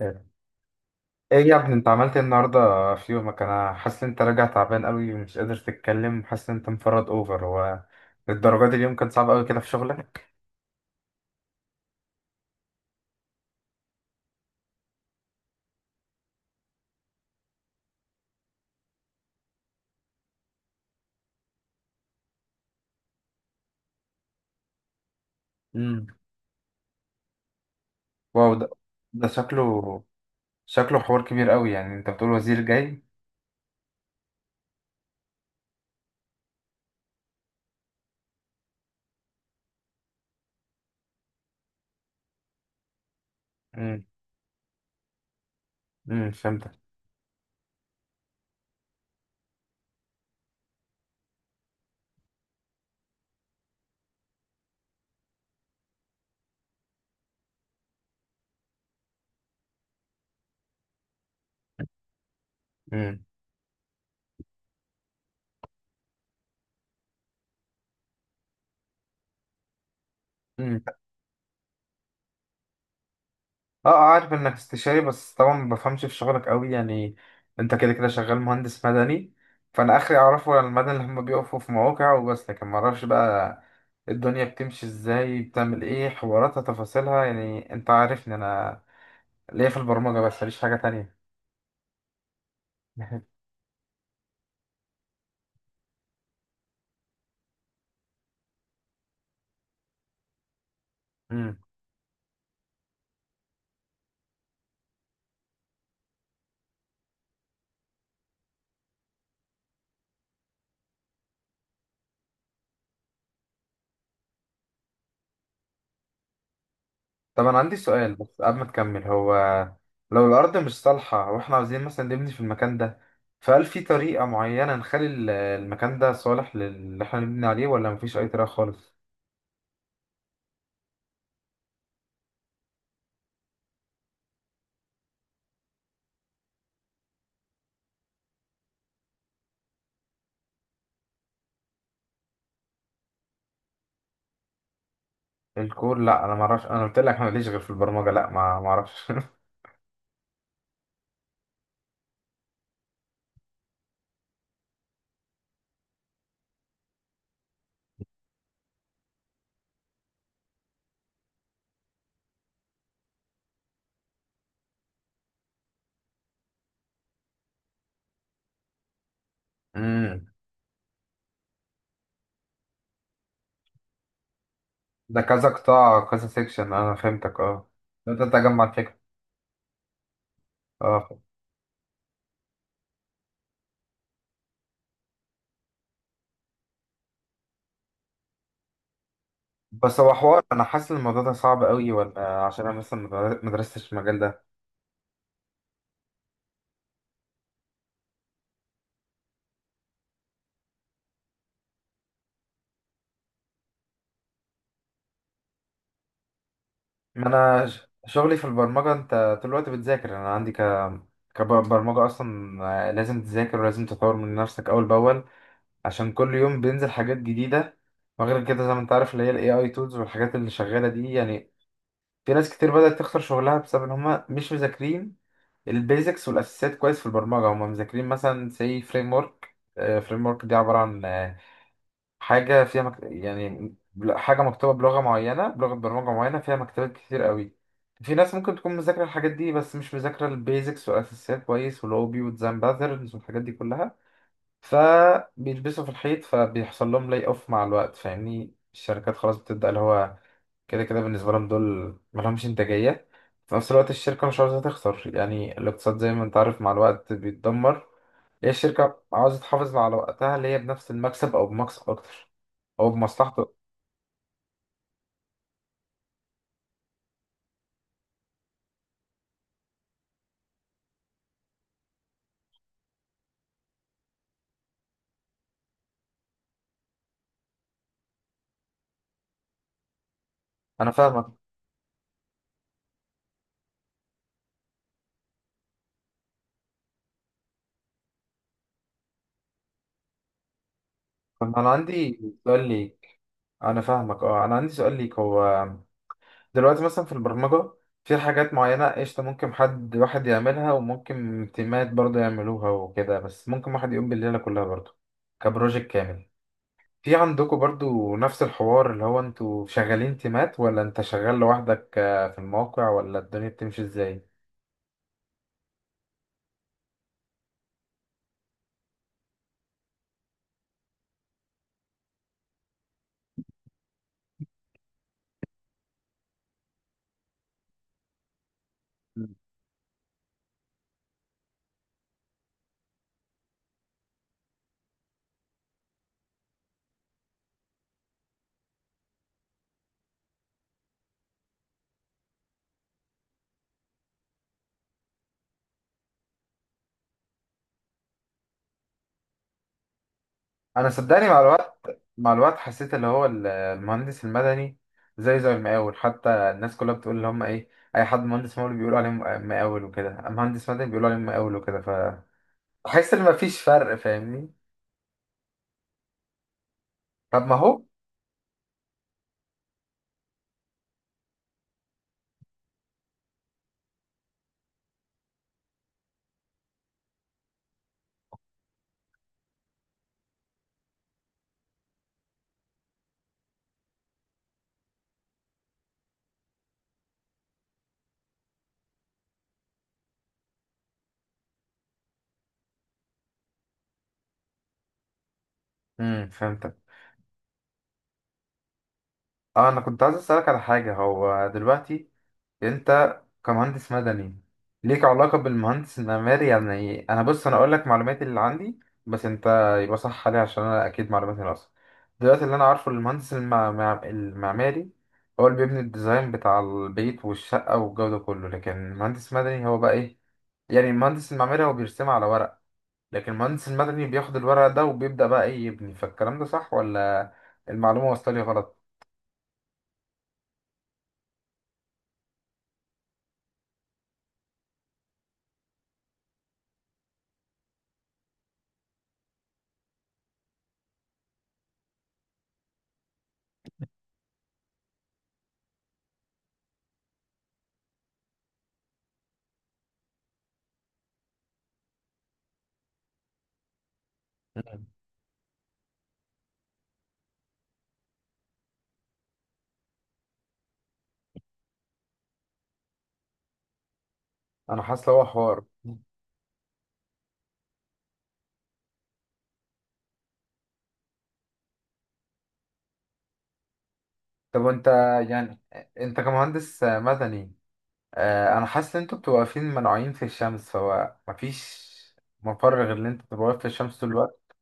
ايه يا ابني، انت عملت ايه النهارده في يومك؟ انا حاسس ان انت راجع تعبان قوي ومش قادر تتكلم، حاسس ان انت مفرد اوفر. هو للدرجه دي اليوم كان صعب قوي كده في شغلك؟ امم واو، ده شكله، شكله حوار كبير قوي. يعني انت بتقول وزير جاي؟ امم امم، فهمتك. امم اه اه، عارف انك استشاري، بس طبعا ما بفهمش في شغلك قوي يعني. انت كده كده شغال مهندس مدني، فانا اخري اعرفه عن المدني اللي هم بيقفوا في مواقع وبس، لكن ما اعرفش بقى الدنيا بتمشي ازاي، بتعمل ايه، حواراتها، تفاصيلها. يعني انت عارفني، انا ليا في البرمجة بس ماليش حاجة تانية. امم طب انا عندي سؤال بس قبل ما تكمل. هو لو الارض مش صالحة واحنا عاوزين مثلا نبني في المكان ده، فهل في طريقة معينة نخلي المكان ده صالح للي احنا نبني عليه، ولا مفيش اي طريقة خالص؟ الكور، لا انا ما اعرفش، انا قلت لك انا ماليش غير في البرمجه، لا ما اعرفش. امم ده كذا قطاع كذا سيكشن، انا فهمتك اه. انت تجمع الفكره، اه. بس هو حوار، انا حاسس ان الموضوع ده صعب قوي، ولا عشان انا مثلا ما درستش المجال ده؟ ما انا شغلي في البرمجه. انت طول الوقت بتذاكر، انا عندي ك كبرمجه اصلا لازم تذاكر ولازم تطور من نفسك اول باول، عشان كل يوم بينزل حاجات جديده. وغير كده زي ما انت عارف اللي هي الاي اي تولز والحاجات اللي شغاله دي يعني، في ناس كتير بدأت تخسر شغلها بسبب ان هم مش مذاكرين البيزكس والاساسيات كويس. في البرمجه هم مذاكرين مثلا زي فريم ورك، فريم ورك دي عباره عن حاجه فيها حاجه مكتوبه بلغه معينه، بلغه برمجه معينه، فيها مكتبات كتير قوي. في ناس ممكن تكون مذاكره الحاجات دي، بس مش مذاكره البيزكس والاساسيات كويس، ولوبي وديزاين باترنز والحاجات دي كلها، فبيلبسوا في الحيط، فبيحصل لهم لاي اوف مع الوقت. فاهمني، الشركات خلاص بتبدأ اللي هو كده كده بالنسبة لهم دول ملهمش إنتاجية. في نفس الوقت الشركة مش عاوزة تخسر، يعني الاقتصاد زي ما أنت عارف مع الوقت بيتدمر. هي الشركة عاوزة تحافظ على وقتها، اللي هي بنفس المكسب أو بمكسب أكتر، أو بمصلحته. أنا فاهمك. طب أنا عندي سؤال ليك. أنا فاهمك أه، أنا عندي سؤال ليك. هو دلوقتي مثلا في البرمجة في حاجات معينة، قشطة، ممكن حد واحد يعملها، وممكن تيمات برضه يعملوها وكده، بس ممكن واحد يقوم بالليلة كلها برضه كبروجيكت كامل. في عندكم برضو نفس الحوار اللي هو انتوا شغالين تيمات، ولا انت شغال لوحدك في الموقع، ولا الدنيا بتمشي ازاي؟ مم. انا صدقني مع الوقت، مع الوقت حسيت اللي هو المهندس المدني زي زي المقاول. حتى الناس كلها بتقول اللي هم ايه، اي حد مهندس مقاول بيقولوا عليه مقاول وكده، مهندس مدني بيقولوا عليه مقاول وكده، فحس ان مفيش فرق. فاهمني؟ طب ما هو، امم، فهمتك. اه انا كنت عايز اسالك على حاجه. هو دلوقتي انت كمهندس مدني، ليك علاقة بالمهندس المعماري؟ يعني انا، بص انا اقول لك معلوماتي اللي عندي، بس انت يبقى صح عليها عشان انا اكيد معلوماتي ناقصة. دلوقتي اللي انا عارفه المهندس المعماري هو اللي بيبني الديزاين بتاع البيت والشقة والجو ده كله، لكن المهندس المدني هو بقى ايه؟ يعني المهندس المعماري هو بيرسمها على ورق، لكن المهندس المدني بياخد الورق ده وبيبدأ بقى ايه، يبني. فالكلام ده صح، ولا المعلومة وصلت لي غلط؟ انا حاسس لو هو حوار. طب وانت يعني، انت كمهندس مدني اه، انا حاسس ان انتوا بتبقوا واقفين منوعين في الشمس، فهو مفيش مفر غير ان انت تبقى واقف في الشمس طول الوقت.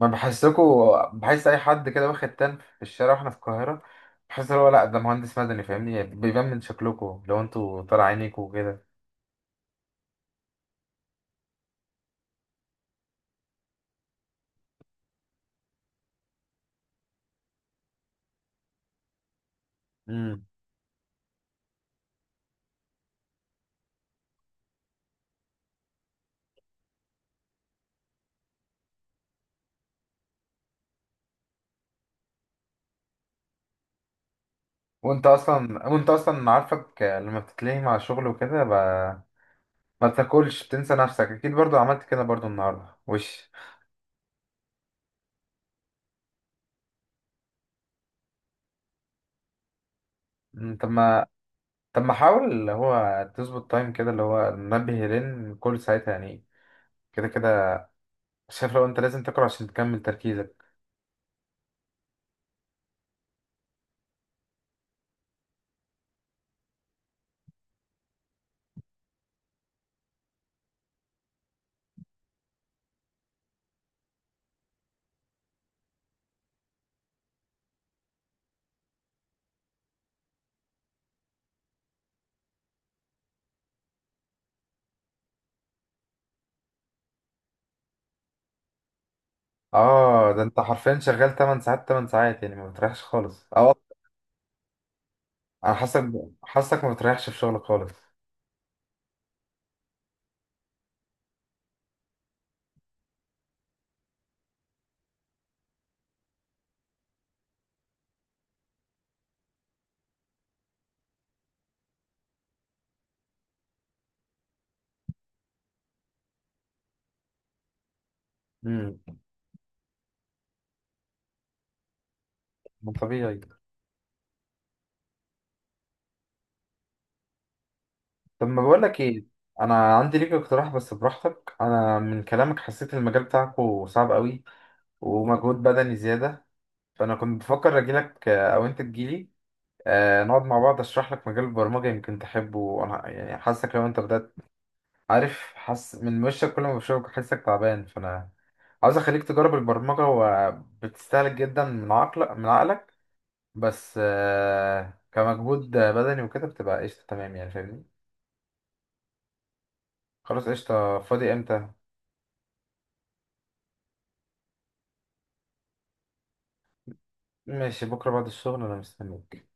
ما بحسكوا، بحس اي حد كده واخد تن في الشارع واحنا في القاهرة، بحس ان هو لا ده مهندس مدني. فاهمني؟ بيبان من شكلكوا لو انتوا طالع عينيكوا وكده. امم وانت اصلا، وانت اصلا عارفك لما بتتلهي مع الشغل وكده ما بتاكلش، بتنسى نفسك اكيد. برضو عملت كده برضو النهارده وش مم، طب ما، طب ما حاول اللي هو تظبط تايم كده اللي هو منبه لين كل ساعتها يعني، كده كده شايف لو انت لازم تقرا عشان تكمل تركيزك. اه ده انت حرفيا شغال 8 ساعات، 8 ساعات، يعني ما بتريحش خالص اه. انا حاسك، حاسك ما بتريحش في شغلك خالص. امم ما طبيعي. طب ما بقول لك ايه، انا عندي ليك اقتراح بس براحتك. انا من كلامك حسيت المجال بتاعكو صعب قوي ومجهود بدني زياده، فانا كنت بفكر اجيلك او انت تجيلي، نقعد مع بعض اشرح لك مجال البرمجة يمكن تحبه. وانا يعني حاسك لو انت بدأت، عارف، حاسس من وشك كل ما بشوفك حاسسك تعبان، فانا عاوز اخليك تجرب البرمجة. وبتستهلك جدا من عقلك، من عقلك، بس كمجهود بدني وكده بتبقى قشطة تمام، يعني فاهمني. خلاص قشطة، فاضي امتى؟ ماشي، بكرة بعد الشغل انا مستنيك.